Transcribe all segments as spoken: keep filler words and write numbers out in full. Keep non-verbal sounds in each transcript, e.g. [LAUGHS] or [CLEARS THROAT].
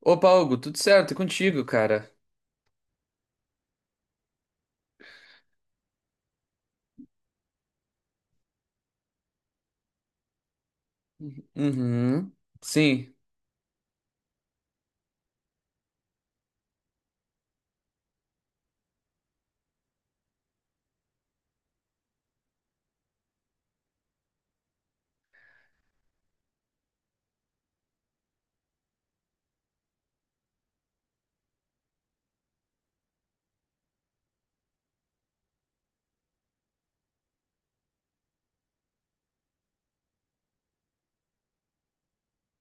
Opa, Hugo, tudo certo? É contigo, cara. Uhum. Sim,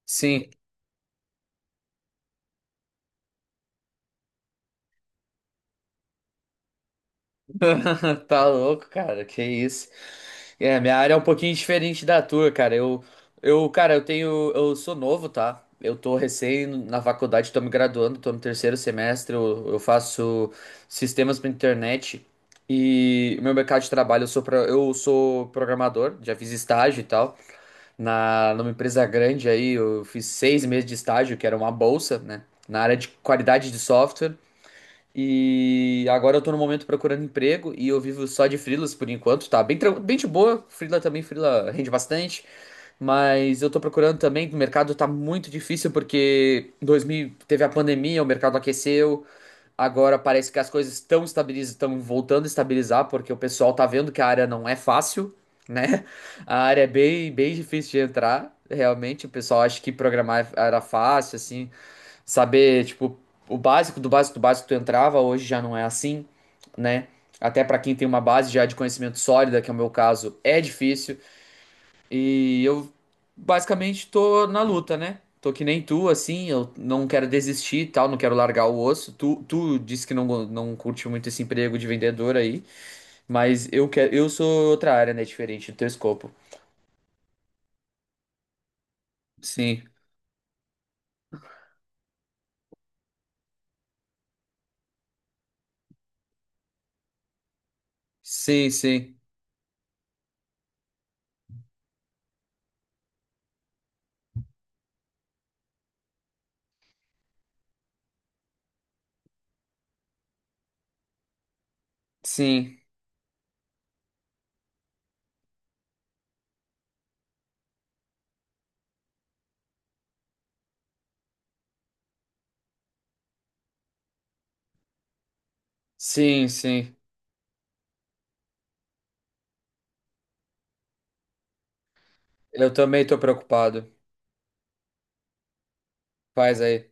sim. [LAUGHS] Tá louco, cara. Que isso? É, minha área é um pouquinho diferente da tua, cara. Eu, eu, cara, eu tenho, eu sou novo, tá? Eu tô recém na faculdade, tô me graduando, tô no terceiro semestre. Eu, eu faço sistemas pra internet e meu mercado de trabalho, eu sou, pro- eu sou programador, já fiz estágio e tal, na, numa empresa grande aí, eu fiz seis meses de estágio, que era uma bolsa, né? Na área de qualidade de software. E agora eu tô no momento procurando emprego e eu vivo só de freelas por enquanto, tá? Bem, tran- bem de boa, freela também, freela rende bastante, mas eu tô procurando também, o mercado tá muito difícil porque em dois mil teve a pandemia, o mercado aqueceu. Agora parece que as coisas estão estabiliz... estão voltando a estabilizar, porque o pessoal tá vendo que a área não é fácil, [LAUGHS] né? A área é bem, bem difícil de entrar, realmente. O pessoal acha que programar era fácil, assim, saber, tipo, o básico do básico do básico tu entrava, hoje já não é assim, né? Até para quem tem uma base já de conhecimento sólida, que é o meu caso, é difícil. E eu basicamente tô na luta, né? Tô que nem tu, assim, eu não quero desistir e tal, não quero largar o osso. Tu, tu disse que não, go- não curte muito esse emprego de vendedor aí, mas eu quero, eu sou outra área, né? Diferente do teu escopo. Sim, sim, sim, sim, sim, sim. Eu também tô preocupado. Faz aí.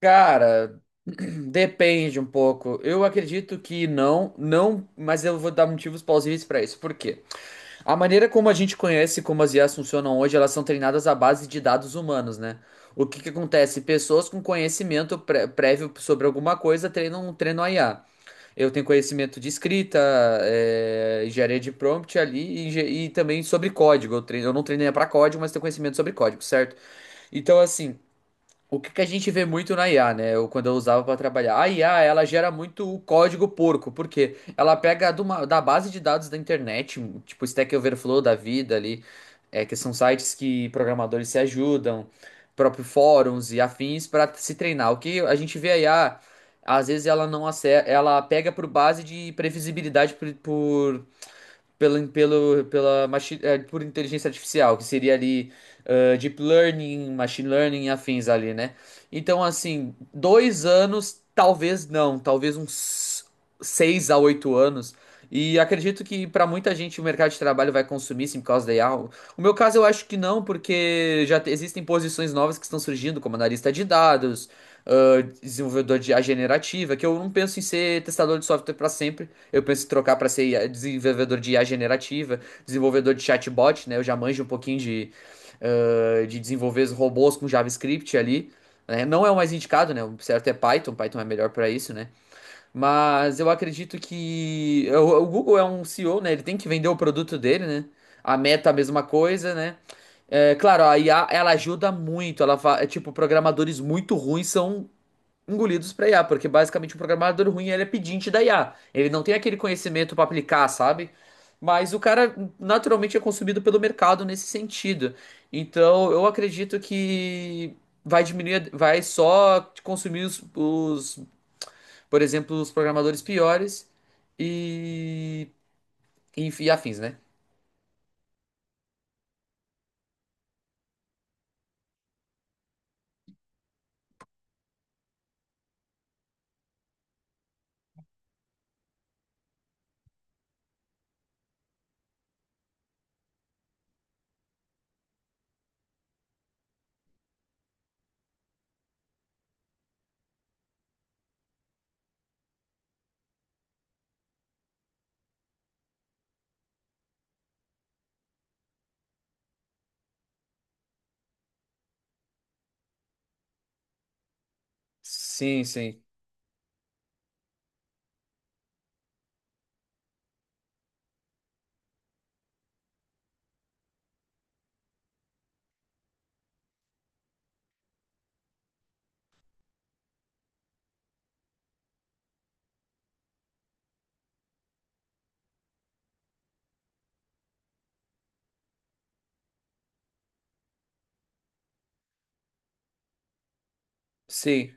Cara, [CLEARS THROAT] depende um pouco. Eu acredito que não, não, mas eu vou dar motivos plausíveis pra isso. Por quê? A maneira como a gente conhece como as I As funcionam hoje, elas são treinadas à base de dados humanos, né? O que que acontece? Pessoas com conhecimento pré- prévio sobre alguma coisa treinam, treinam a I A. Eu tenho conhecimento de escrita, é, engenharia de prompt ali e, engen- e também sobre código. Eu, treino, eu não treinei para código, mas tenho conhecimento sobre código, certo? Então, assim, o que que a gente vê muito na I A, né? Eu, quando eu usava para trabalhar. A I A, ela gera muito o código porco, porque ela pega de uma- da base de dados da internet, tipo Stack Overflow da vida ali, é, que são sites que programadores se ajudam, próprio fóruns e afins para se treinar. O que a gente vê a I A, às vezes ela não acerta, ela pega por base de previsibilidade por, pelo, pelo, pela machi, eh, por inteligência artificial, que seria ali eh, deep learning, machine learning e afins ali, né? Então, assim, dois anos, talvez não, talvez uns seis a oito anos. E acredito que para muita gente o mercado de trabalho vai consumir sim por causa da I A. O meu caso eu acho que não, porque já te- existem posições novas que estão surgindo, como analista de dados, ah, desenvolvedor de I a generativa, que eu não penso em ser testador de software para sempre. Eu penso em trocar para ser I A desenvolvedor de I A generativa, desenvolvedor de chatbot, né? Eu já manjo um pouquinho de, ah, de desenvolver os robôs com JavaScript ali, né? Não é o mais indicado, né? O certo é Python, Python é melhor para isso, né? Mas eu acredito que o o Google é um C E O, né? Ele tem que vender o produto dele, né? A Meta, a mesma coisa, né? É, claro, a I A, ela ajuda muito. Ela fa... é, Tipo, programadores muito ruins são engolidos para I A, porque basicamente o programador ruim ele é pedinte da I A. Ele não tem aquele conhecimento para aplicar, sabe? Mas o cara naturalmente é consumido pelo mercado nesse sentido. Então eu acredito que vai diminuir, vai só consumir os, os, por exemplo, os programadores piores e, e, e afins, né? Sim, sim, sim,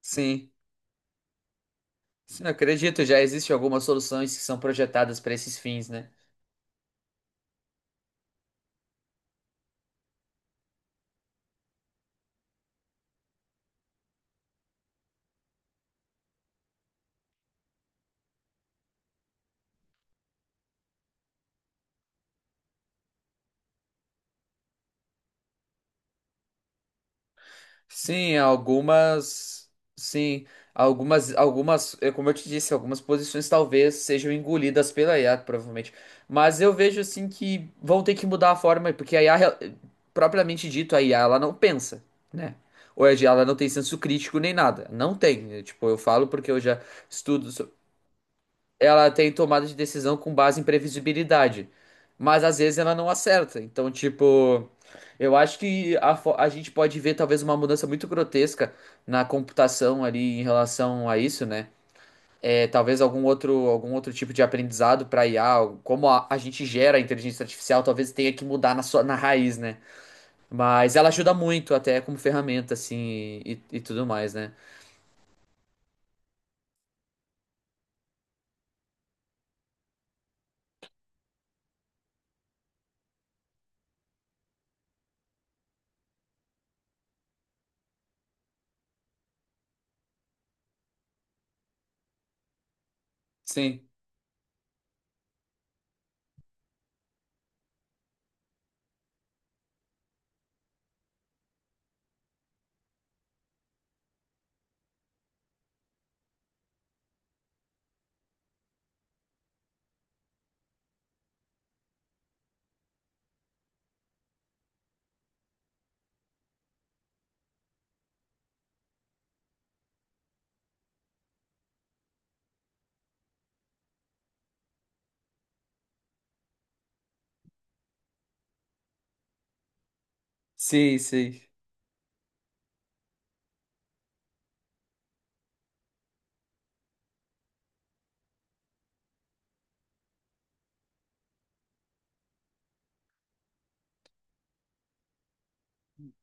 sim. Sim, eu acredito, já existem algumas soluções que são projetadas para esses fins, né? Sim, algumas. Sim, algumas, algumas, é como eu te disse, algumas posições talvez sejam engolidas pela I A, provavelmente. Mas eu vejo assim que vão ter que mudar a forma, porque a I A, real- propriamente dito, a I A, ela não pensa, né? Ou a I A, ela não tem senso crítico nem nada. Não tem, né? Tipo, eu falo porque eu já estudo, ela tem tomada de decisão com base em previsibilidade. Mas às vezes ela não acerta. Então, tipo, eu acho que a, fo- a gente pode ver talvez uma mudança muito grotesca na computação ali em relação a isso, né? É, talvez algum outro, algum outro tipo de aprendizado para I A, como a, a gente gera a inteligência artificial, talvez tenha que mudar na sua, na raiz, né? Mas ela ajuda muito até como ferramenta, assim, e, e tudo mais, né? Sim, sim, sim.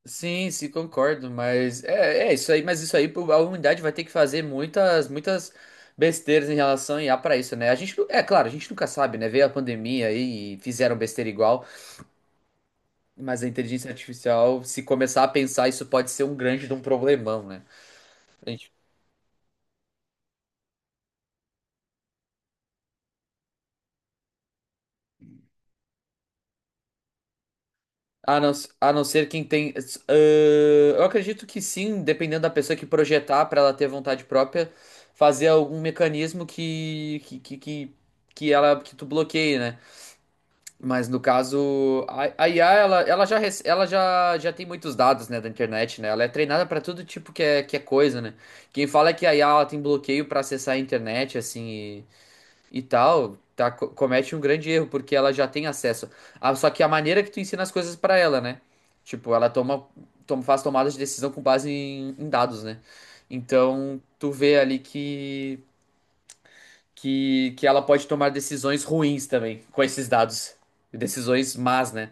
Sim, sim, concordo, mas é, é isso aí, mas isso aí pô, a humanidade vai ter que fazer muitas, muitas besteiras em relação a I A para isso, né? A gente, nu- é claro, a gente nunca sabe, né? Veio a pandemia aí e fizeram besteira igual, mas a inteligência artificial, se começar a pensar, isso pode ser um grande de um problemão, né? A gente, a não, a não ser quem tem, ah, eu acredito que sim, dependendo da pessoa que projetar para ela ter vontade própria, fazer algum mecanismo que, que, que, que que ela, que tu bloqueie, né? Mas no caso, a, a I A, ela, ela, já, rece- ela já, já tem muitos dados, né, da internet, né? Ela é treinada para todo tipo que é, que é coisa, né? Quem fala é que a I A ela tem bloqueio para acessar a internet, assim, e, e tal, tá, co- comete um grande erro, porque ela já tem acesso. Ah, só que a maneira que tu ensina as coisas para ela, né? Tipo, ela toma, toma, faz tomadas de decisão com base em, em dados, né? Então, tu vê ali que, que, que ela pode tomar decisões ruins também com esses dados. Decisões más, né?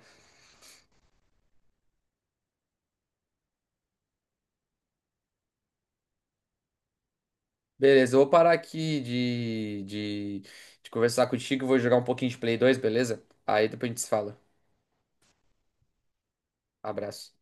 Beleza, eu vou parar aqui de, de, de conversar contigo e vou jogar um pouquinho de Play dois, beleza? Aí depois a gente se fala. Abraço.